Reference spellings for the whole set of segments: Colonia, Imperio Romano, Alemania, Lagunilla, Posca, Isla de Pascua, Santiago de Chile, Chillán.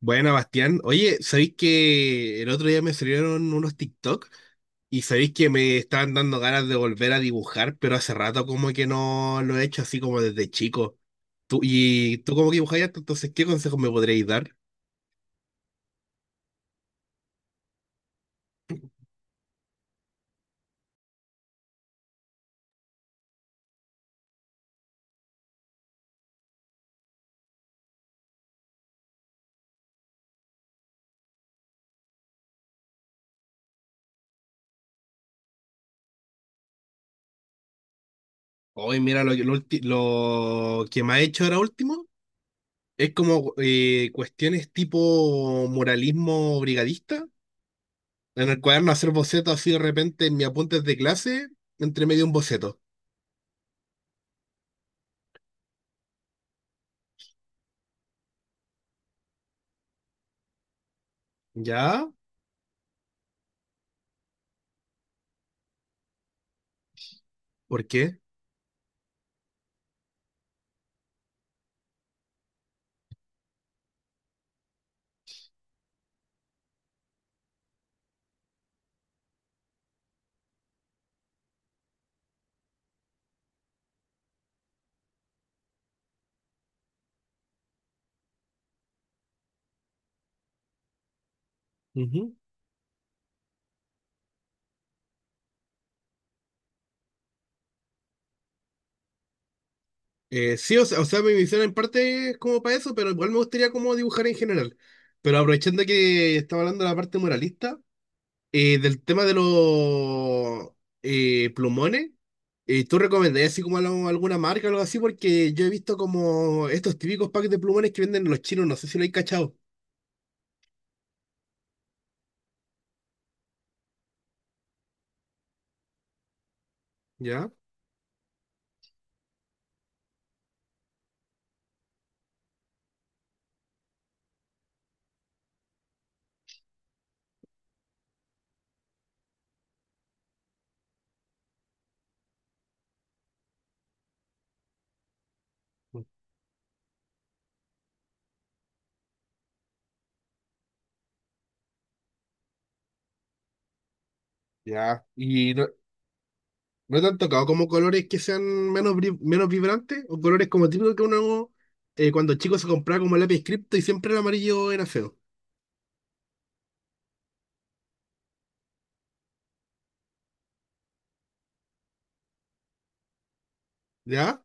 Buena, Bastián. Oye, ¿sabéis que el otro día me salieron unos TikTok y sabéis que me estaban dando ganas de volver a dibujar, pero hace rato como que no lo he hecho así como desde chico? Y tú como que dibujáis harto, entonces, ¿qué consejos me podríais dar? Hoy, mira, lo que me ha hecho ahora último es como cuestiones tipo muralismo brigadista, en el cuaderno hacer bocetos así de repente en mis apuntes de clase, entre medio un boceto. ¿Ya? ¿Por qué? Sí, o sea, mi visión en parte es como para eso, pero igual me gustaría como dibujar en general. Pero aprovechando que estaba hablando de la parte moralista, del tema de los plumones, ¿tú recomendarías así como alguna marca o algo así? Porque yo he visto como estos típicos packs de plumones que venden los chinos, no sé si lo hay cachado. ¿Ya? Ya. ¿Y no, no te han tocado como colores que sean menos, menos vibrantes o colores como típicos que uno cuando chico se compraba como lápiz cripto y siempre el amarillo era feo? ¿Ya?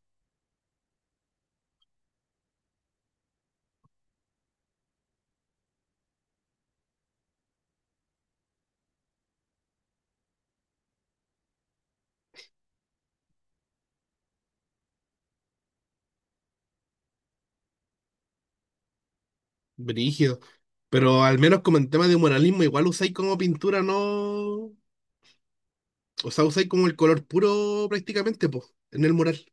Brígido. Pero al menos como en tema de muralismo, igual usáis como pintura, ¿no? O sea, usáis como el color puro prácticamente, pues, en el mural.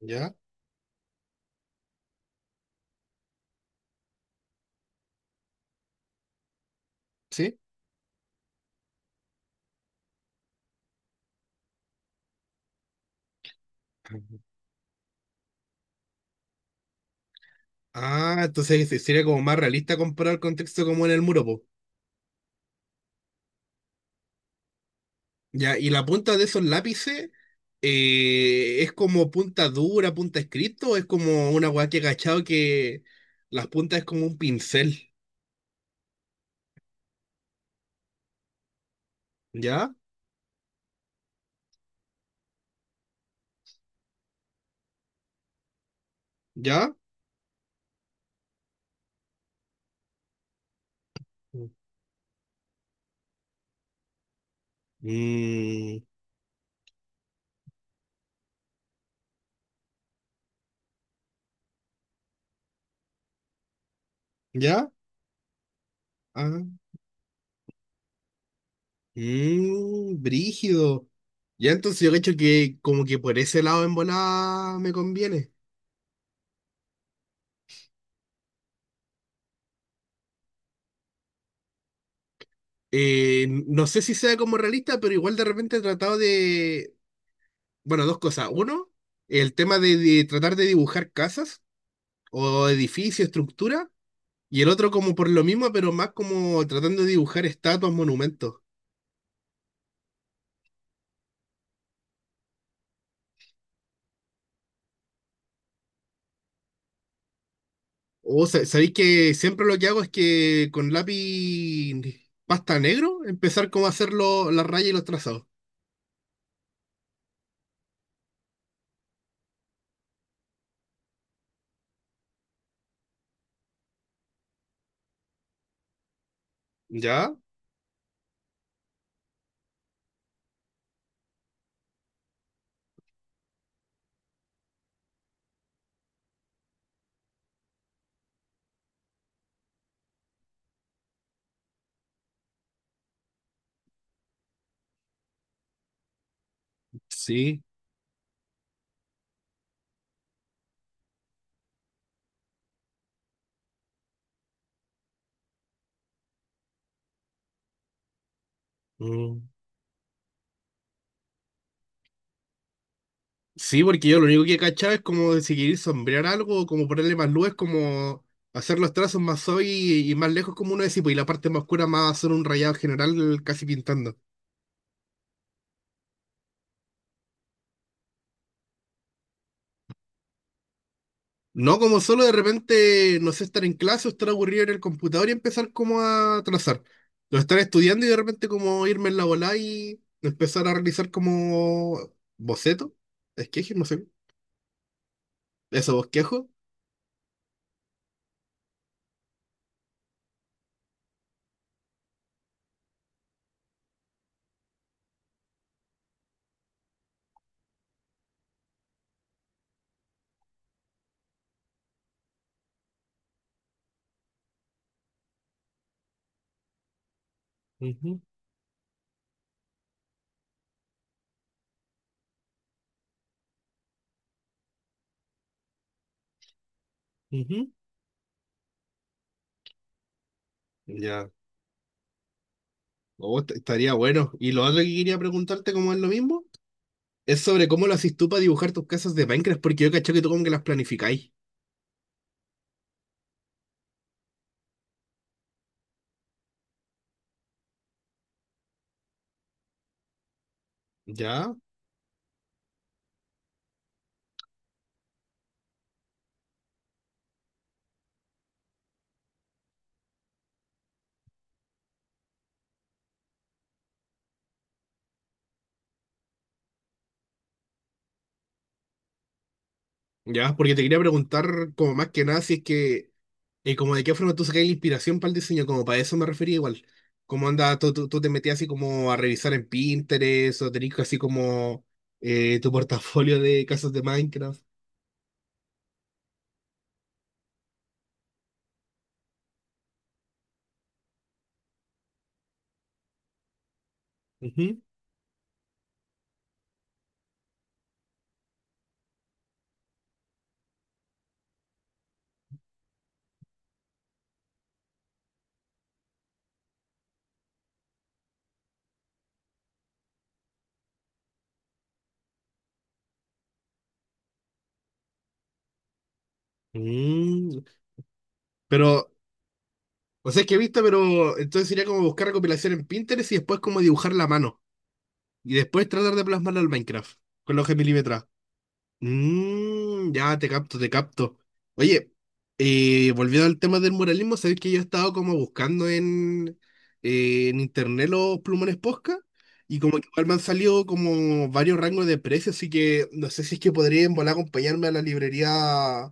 ¿Ya? ¿Sí? Ujú. Ah, entonces sería como más realista comparar el contexto como en el muro, pues. Ya, y la punta de esos lápices, ¿es como punta dura, punta escrito, o es como una weá que he cachado que las puntas es como un pincel? ¿Ya? ¿Ya? Mm, ¿ya? Ah. Mm, brígido. Ya, entonces yo cacho que como que por ese lado en volada me conviene. No sé si sea como realista, pero igual de repente he tratado de, bueno, dos cosas. Uno, el tema de tratar de dibujar casas o edificios, estructura. Y el otro como por lo mismo, pero más como tratando de dibujar estatuas, monumentos. Sabéis que siempre lo que hago es que con lápiz pasta negro empezar como a hacer las rayas y los trazados. ¿Ya? Sí. Mm. Sí, porque yo lo único que cachaba es como de si queréis sombrear algo, como ponerle más luz, es como hacer los trazos más hoy y más lejos como uno decía, pues, y la parte más oscura más hacer un rayado general casi pintando. No, como solo de repente, no sé, estar en clase o estar aburrido en el computador y empezar como a trazar. O estar estudiando y de repente como irme en la bola y empezar a realizar como boceto, esqueje, no sé, eso, bosquejo. Ujú, ujú. Ya. Oh, estaría bueno. Y lo otro que quería preguntarte, como es lo mismo, es sobre cómo lo haces tú para dibujar tus casas de Minecraft, porque yo caché que tú como que las planificáis. Ya, ya, porque te quería preguntar como más que nada si es que, como de qué forma tú sacáis la inspiración para el diseño, como para eso me refería igual. ¿Cómo anda, tú te metías así como a revisar en Pinterest o tenías así como tu portafolio de casas de Minecraft? Ujú. Mm, pero, o sea, es que he visto, pero entonces sería como buscar recopilación en Pinterest y después como dibujar la mano. Y después tratar de plasmarlo al Minecraft con la hoja milimetrada. Mmm, ya te capto, te capto. Oye, volviendo al tema del muralismo, sabéis que yo he estado como buscando en internet los plumones Posca y como que igual me han salido como varios rangos de precios, así que no sé si es que podría en volar acompañarme a la librería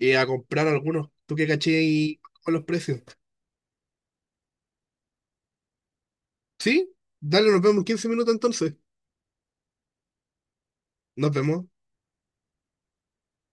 a comprar algunos. ¿Tú qué caché y con los precios? ¿Sí? Dale, nos vemos en 15 minutos entonces. Nos vemos.